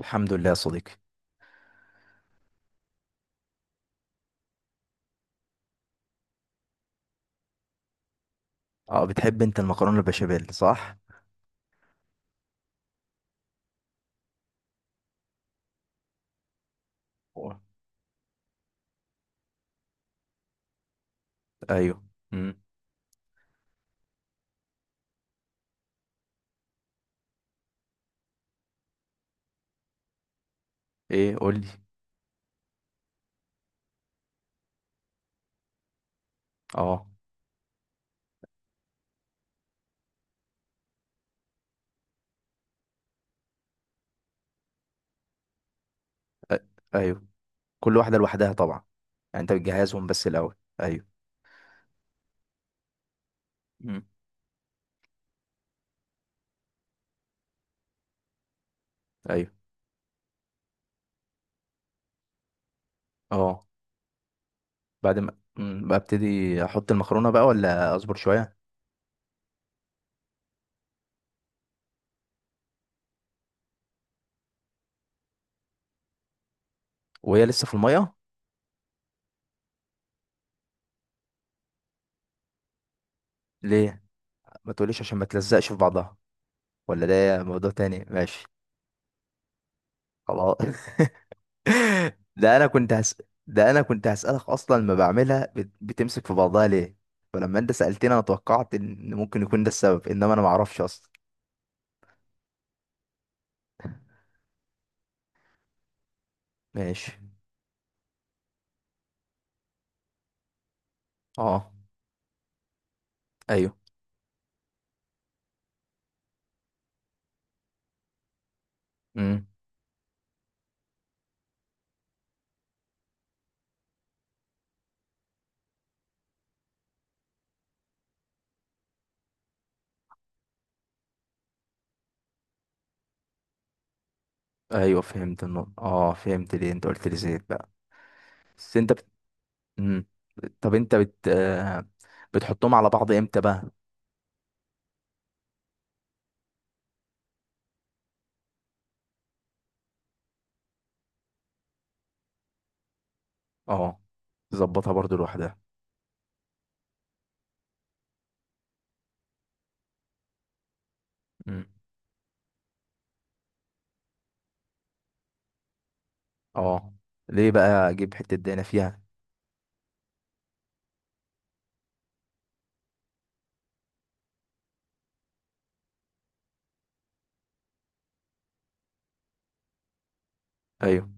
الحمد لله يا صديقي. اه بتحب انت المكرونه البشاميل صح؟ هو. ايوه. امم ايه قول لي. اه. أ- ايوه كل واحده لوحدها طبعا، يعني انت بتجهزهم بس الاول. ايوه. امم ايوه. اه. بعد ما ببتدي احط المكرونه بقى ولا اصبر شويه؟ وهي لسه في الميه؟ ليه؟ ما تقوليش عشان ما تلزقش في بعضها؟ ولا ده موضوع تاني؟ ماشي. خلاص ده انا كنت هس... ده انا كنت هسألك اصلا، ما بعملها بتمسك في بعضها ليه؟ فلما انت سألتني انا توقعت ان ممكن يكون ده السبب، انما انا ما اعرفش اصلا. ماشي. اه. ايوه. امم ايوه فهمت النقطة، اه فهمت ليه انت قلت لي زيت بقى. بس انت بت... مم. طب انت بت بتحطهم على بعض امتى بقى؟ اه تظبطها برضو لوحدها؟ مم. اه ليه بقى اجيب حتة دهنة فيها؟ ايوه.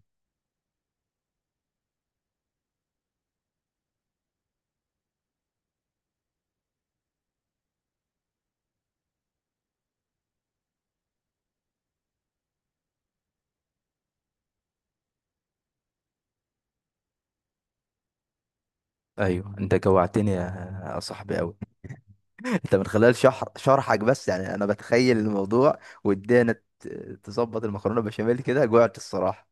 ايوه انت جوعتني يا يا صاحبي قوي. انت من خلال شرحك بس يعني انا بتخيل الموضوع ودانا ت- تظبط المكرونه بشاميل كده، جوعت الصراحه.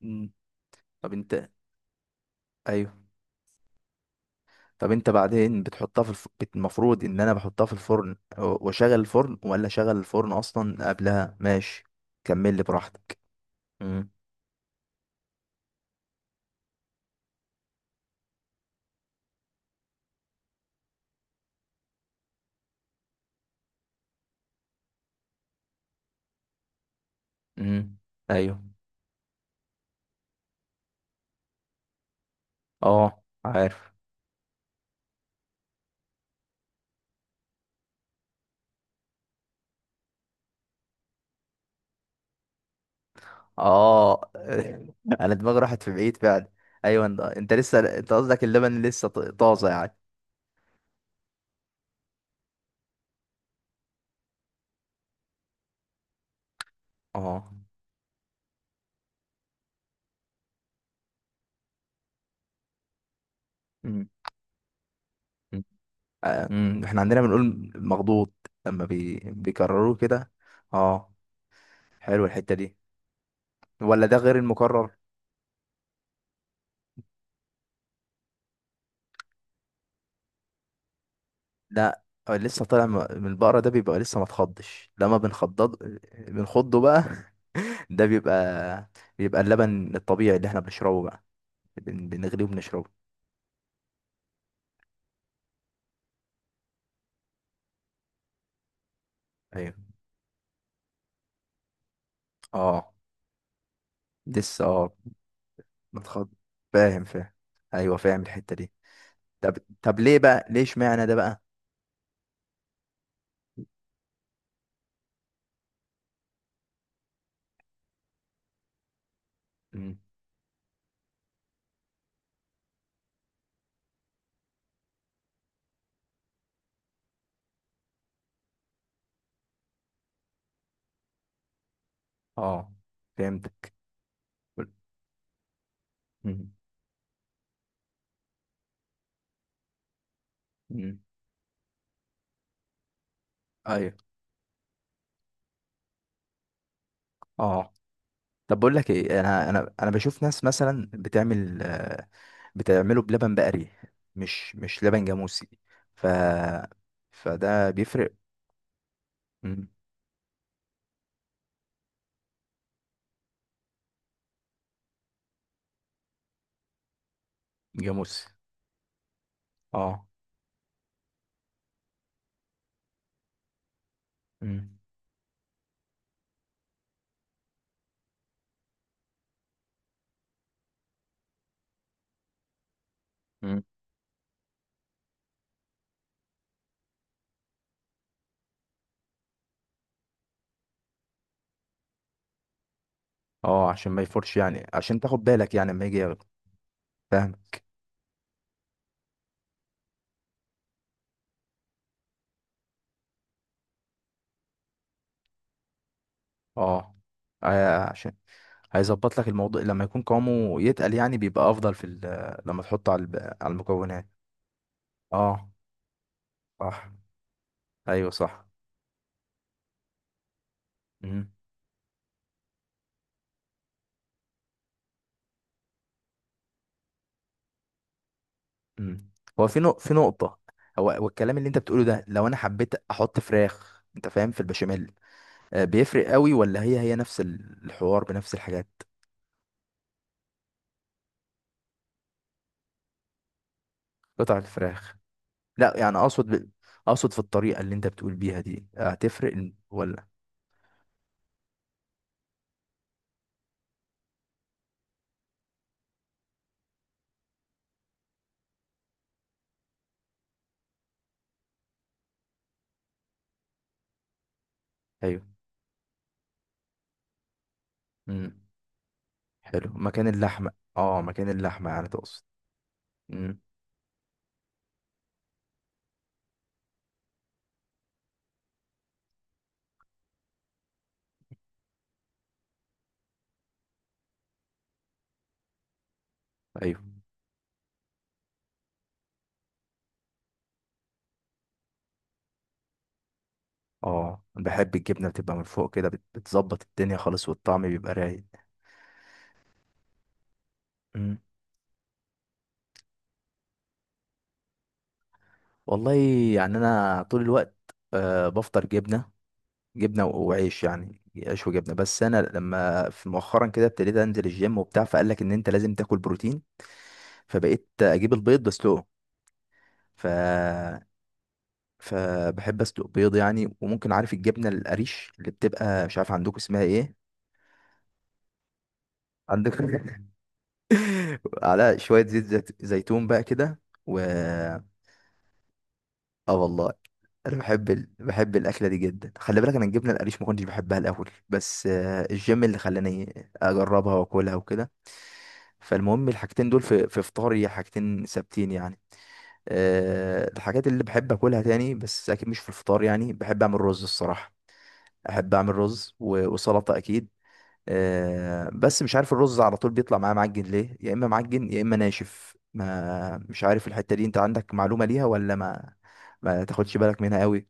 مم. طب انت. ايوه. طب انت بعدين بتحطها في المفروض ان انا بحطها في الفرن واشغل الفرن، ولا اشغل الفرن اصلا قبلها؟ ماشي كمل لي براحتك. امم امم ايوه. اه عارف. اه انا دماغي راحت في بعيد فعلا. ايوه انت لسه، انت قصدك اللبن لسه طازه يعني؟ اه. مم. احنا عندنا بنقول مخضوض لما بيكرروه كده. اه. حلو الحتة دي. ولا ده غير المكرر؟ لا هو لسه طالع من البقرة، ده بيبقى لسه ما تخضش لما بنخضض بنخضه بقى ده بيبقى، بيبقى اللبن الطبيعي اللي احنا بنشربه بقى، بنغليه وبنشربه. ايوه. اه. لسه اه. ما تخض. فاهم فاهم. ايوه فاهم الحتة دي. طب طب ليه بقى؟ ليه اشمعنى ده بقى؟ مم. اه فهمتك. مم. مم. ايوه. اه. طب بقول لك ايه، انا انا انا بشوف ناس مثلا بتعمل بتعمله بلبن بقري، مش مش لبن جاموسي، ف فده بيفرق. مم. جاموسي اه. مم. مم. اه عشان ما يفرش يعني، عشان تاخد بالك يعني لما يجي ياخد. فاهم. اه عشان هيظبط لك الموضوع لما يكون قوامه يتقل، يعني بيبقى افضل في لما تحطه على على المكونات. اه صح. ايوه صح. مم. مم. هو في في نقطة، هو هو الكلام اللي انت بتقوله ده، لو انا حبيت احط فراخ انت فاهم في البشاميل، بيفرق قوي ولا هي هي نفس الحوار بنفس الحاجات؟ قطع الفراخ. لا يعني اقصد في الطريقة اللي انت بتقول بيها دي هتفرق ولا؟ ايوه. امم حلو مكان اللحمة. اه مكان اللحمة يعني تقصد. امم ايوه. اه أنا بحب الجبنة بتبقى من فوق كده، بتظبط الدنيا خالص والطعم بيبقى رايق. مم. والله يعني انا طول الوقت بفطر جبنة، جبنه وعيش يعني، عيش وجبنه. بس انا لما في مؤخرا كده ابتديت انزل الجيم وبتاع، فقال لك ان انت لازم تاكل بروتين، فبقيت اجيب البيض بسلقه. ف فبحب اسلق بيض يعني. وممكن، عارف الجبنه القريش اللي بتبقى، مش عارف عندكم اسمها ايه؟ عندكم على شويه زيتون بقى كده. و اه والله. انا بحب بحب الاكله دي جدا. خلي بالك انا الجبنه القريش ما كنتش بحبها الاول، بس الجيم اللي خلاني اجربها واكلها وكده. فالمهم الحاجتين دول في في فطاري حاجتين ثابتين يعني. الحاجات اللي بحب اكلها تاني بس اكيد مش في الفطار، يعني بحب اعمل رز الصراحه، احب اعمل رز وسلطه اكيد. بس مش عارف الرز على طول بيطلع معايا معجن ليه، يا اما معجن يا اما ناشف، ما مش عارف الحته دي، انت عندك معلومه ليها ولا ما ما تاخدش بالك منها قوي؟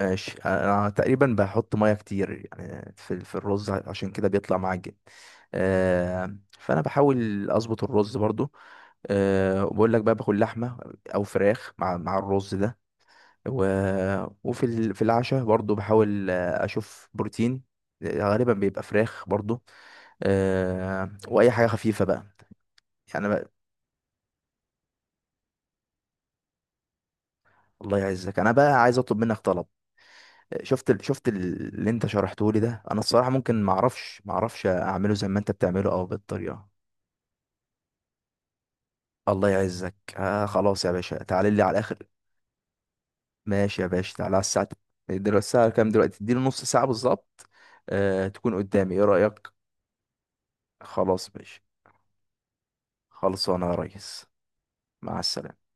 ماشي انا تقريبا بحط ميه كتير يعني في في الرز، عشان كده بيطلع معجن. فانا بحاول اظبط الرز برضو. وبقول لك بقى باكل لحمه او فراخ مع مع الرز ده. و... وفي في العشاء برضو بحاول اشوف بروتين، غالبا بيبقى فراخ برضو. واي حاجه خفيفه بقى. يعني أنا بقى، الله يعزك، انا بقى عايز اطلب منك طلب. شفت اللي انت شرحته لي ده، انا الصراحه ممكن ما اعرفش، ما اعرفش اعمله زي ما انت بتعمله او بالطريقه. الله يعزك آه خلاص يا باشا تعالى لي على الاخر. ماشي يا باشا تعالى على الساعه، دلوقتي الساعه كام؟ دلوقتي اديني نص ساعه بالظبط، آه تكون قدامي، ايه رايك؟ خلاص ماشي. خلصانه يا ريس. مع السلامه.